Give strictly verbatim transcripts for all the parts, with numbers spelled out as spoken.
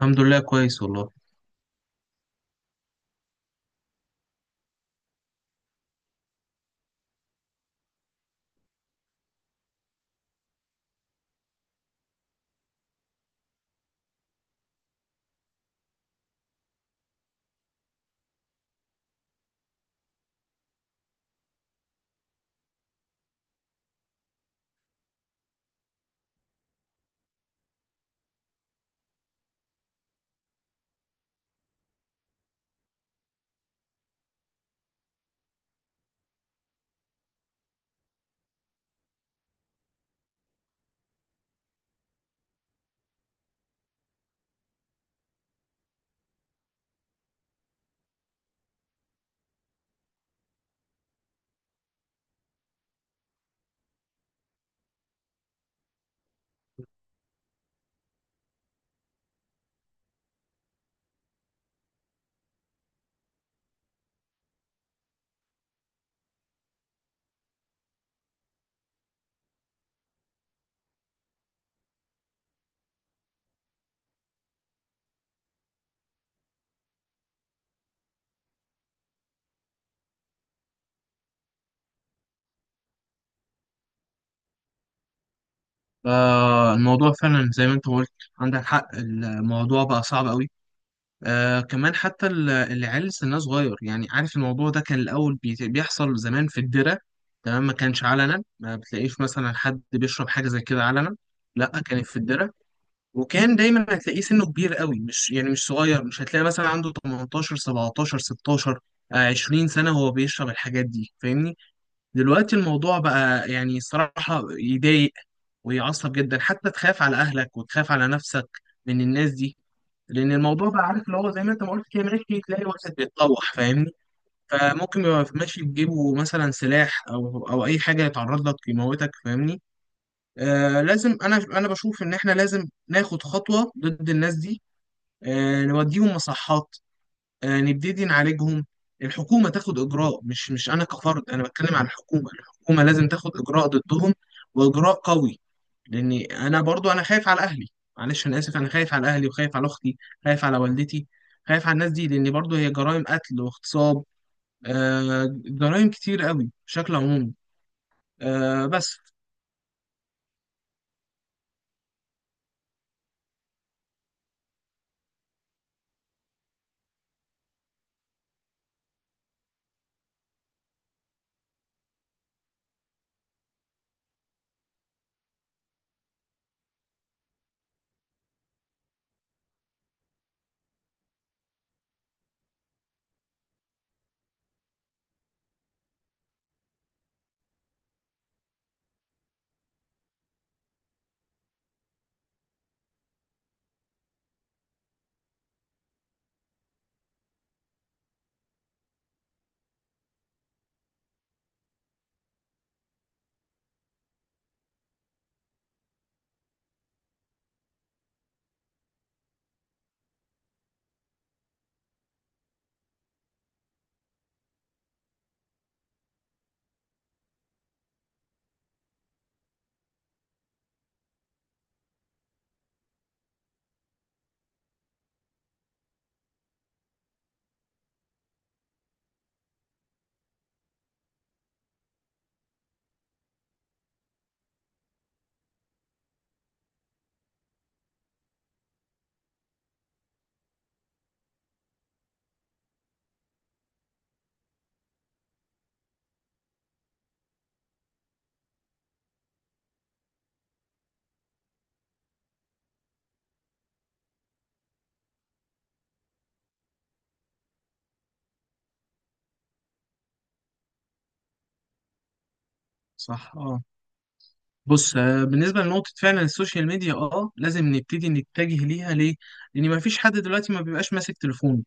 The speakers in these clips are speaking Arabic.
الحمد لله كويس والله. آه، الموضوع فعلا زي ما انت قلت. عندك حق، الموضوع بقى صعب قوي. آه، كمان حتى ال- العيال سنها صغير. يعني عارف الموضوع ده كان الأول بي- بيحصل زمان في الدرة. تمام، ما كانش علنا، ما بتلاقيش مثلا حد بيشرب حاجة زي كده علنا، لا، كانت في الدرة. وكان دايما هتلاقيه سنه كبير قوي، مش يعني مش صغير، مش هتلاقي مثلا عنده تمنتاشر سبعتاشر ستاشر. آه، عشرين سنة هو بيشرب الحاجات دي، فاهمني. دلوقتي الموضوع بقى يعني صراحة يضايق ويعصب جدا، حتى تخاف على اهلك وتخاف على نفسك من الناس دي. لان الموضوع بقى عارف اللي هو زي ما انت ما قلت كده، ماشي تلاقي واحد بيتطوح، فاهمني. فممكن يبقى ماشي بجيبه مثلا سلاح او او اي حاجه، يتعرض لك يموتك، فاهمني. آه، لازم انا انا بشوف ان احنا لازم ناخد خطوه ضد الناس دي. آه، نوديهم مصحات. آه، نبتدي نعالجهم. الحكومه تاخد اجراء، مش مش انا كفرد، انا بتكلم عن الحكومه. الحكومه لازم تاخد اجراء ضدهم، واجراء قوي. لاني انا برضو انا خايف على اهلي. معلش انا اسف، انا خايف على اهلي وخايف على اختي، خايف على والدتي، خايف على الناس دي، لان برضو هي جرائم قتل واغتصاب. آه، جرائم كتير قوي بشكل عمومي. آه، بس. صح، اه. بص، آه، بالنسبه لنقطه، فعلا السوشيال ميديا اه لازم نبتدي نتجه ليها. ليه؟ لان ما فيش حد دلوقتي ما بيبقاش ماسك تليفونه،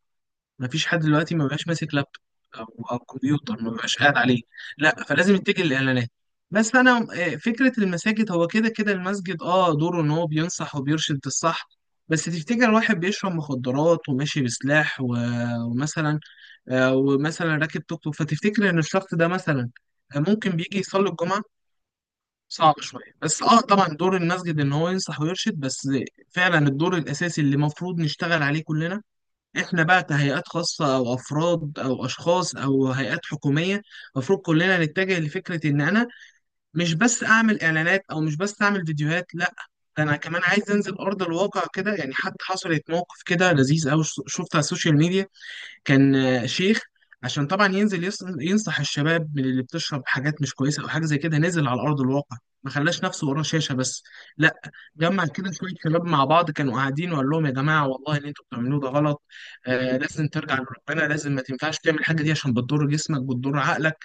مفيش حد دلوقتي ما بقاش ماسك لابتوب او او كمبيوتر ما بقاش قاعد عليه. لا، فلازم يتجه للاعلانات. بس انا آه، فكره المساجد، هو كده كده المسجد اه دوره ان هو بينصح وبيرشد الصح. بس تفتكر واحد بيشرب مخدرات وماشي بسلاح و- ومثلا آه، ومثلا راكب توك توك، فتفتكر ان الشخص ده مثلا آه، ممكن بيجي يصلي الجمعه؟ صعب شويه. بس اه طبعا دور المسجد ان هو ينصح ويرشد بس. فعلا الدور الاساسي اللي المفروض نشتغل عليه كلنا، احنا بقى كهيئات خاصة او افراد او اشخاص او هيئات حكومية، المفروض كلنا نتجه لفكرة ان انا مش بس اعمل اعلانات او مش بس اعمل فيديوهات، لا، ده انا كمان عايز انزل ارض الواقع كده. يعني حتى حصلت موقف كده لذيذ قوي شفته على السوشيال ميديا، كان آه، شيخ، عشان طبعا ينزل يص- ينصح الشباب من اللي بتشرب حاجات مش كويسه او حاجه زي كده. نزل على ارض الواقع، ما خلاش نفسه وراه شاشه بس، لا، جمع كده شويه شباب مع بعض كانوا قاعدين وقال لهم: يا جماعه والله اللي انتوا بتعملوه ده غلط. آه، لازم ترجع لربنا، لازم ما تنفعش تعمل الحاجه دي عشان بتضر جسمك بتضر عقلك.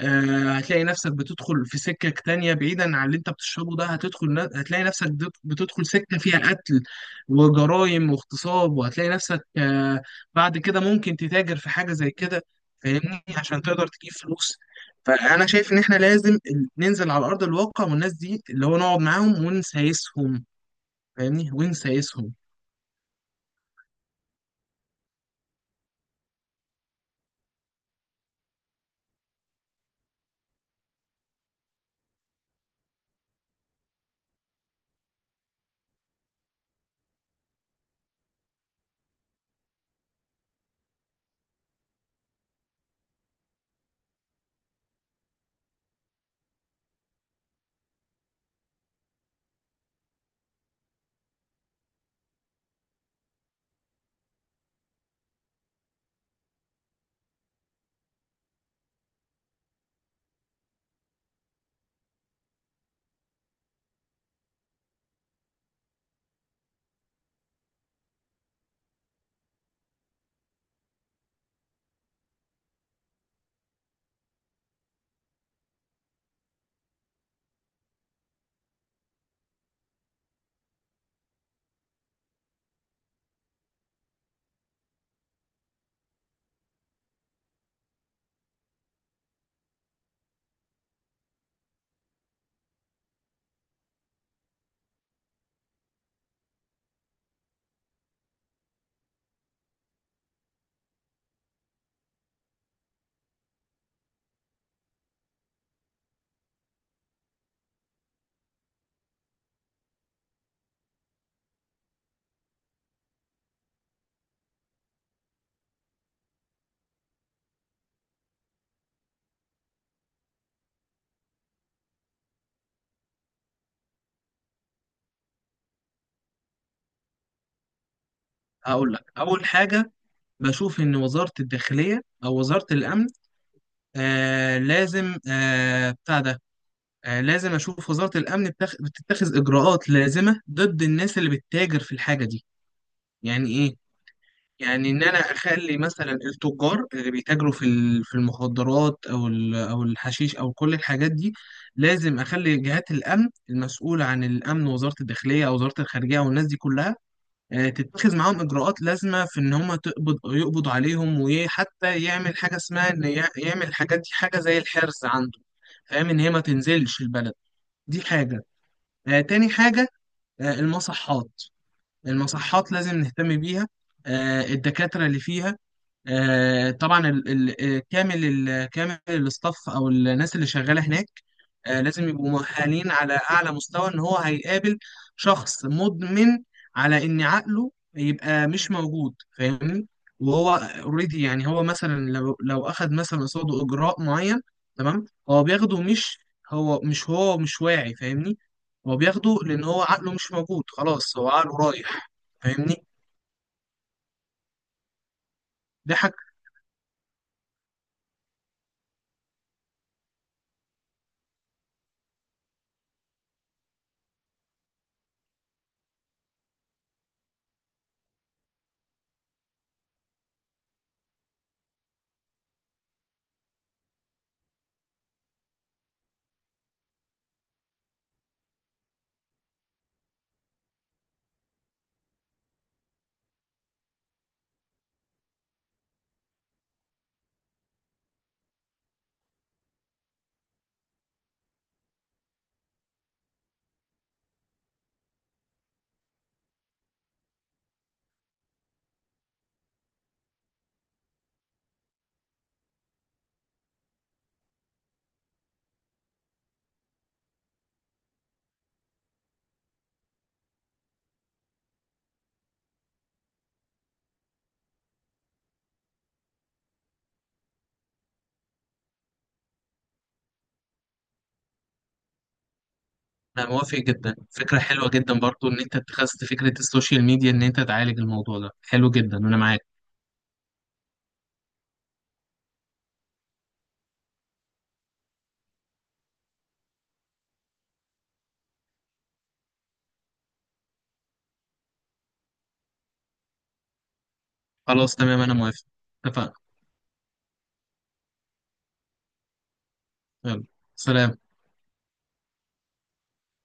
آه، هتلاقي نفسك بتدخل في سكة تانية، بعيدا عن اللي انت بتشربه ده هتدخل، ن- هتلاقي نفسك بت- بتدخل سكة فيها قتل وجرائم واغتصاب. وهتلاقي نفسك آه، بعد كده ممكن تتاجر في حاجة زي كده، فاهمني، عشان تقدر تجيب فلوس. فأنا شايف إن إحنا لازم ال- ننزل على أرض الواقع، والناس دي اللي هو نقعد معاهم ونسايسهم، فاهمني، ونسايسهم. هقول لك أول حاجة، بشوف إن وزارة الداخلية أو وزارة الأمن آه لازم آه بتاع ده، آه، لازم أشوف وزارة الأمن بتخ... بتتخذ إجراءات لازمة ضد الناس اللي بتتاجر في الحاجة دي. يعني إيه؟ يعني إن أنا أخلي مثلا التجار اللي بيتاجروا في ال- في المخدرات أو ال- أو الحشيش أو كل الحاجات دي، لازم أخلي جهات الأمن المسؤولة عن الأمن، وزارة الداخلية أو وزارة الخارجية والناس دي كلها، آه، تتخذ معاهم إجراءات لازمة في إن هم تقبض يقبضوا عليهم، وحتى يعمل حاجة اسمها إن يع- يعمل الحاجات دي حاجة زي الحرس عنده، فاهم، إن هي ما تنزلش البلد. دي حاجة. آه، تاني حاجة آه، المصحات. المصحات لازم نهتم بيها. آه، الدكاترة اللي فيها، آه، طبعا ال ال آه، كامل ال كامل الاستاف او الناس اللي شغاله هناك، آه، لازم يبقوا مؤهلين على اعلى مستوى، ان هو هيقابل شخص مدمن، على ان عقله يبقى مش موجود، فاهمني. وهو اوريدي يعني هو مثلا لو لو اخد مثلا قصاده اجراء معين، تمام، هو بياخده، مش هو مش هو مش واعي، فاهمني، هو بياخده لان هو عقله مش موجود، خلاص هو عقله رايح، فاهمني. ده انا موافق جدا، فكره حلوه جدا برضو ان انت اتخذت فكره السوشيال ميديا ان انت تعالج الموضوع ده، حلو جدا انا معاك. خلاص تمام انا موافق، اتفقنا. يلا، سلام.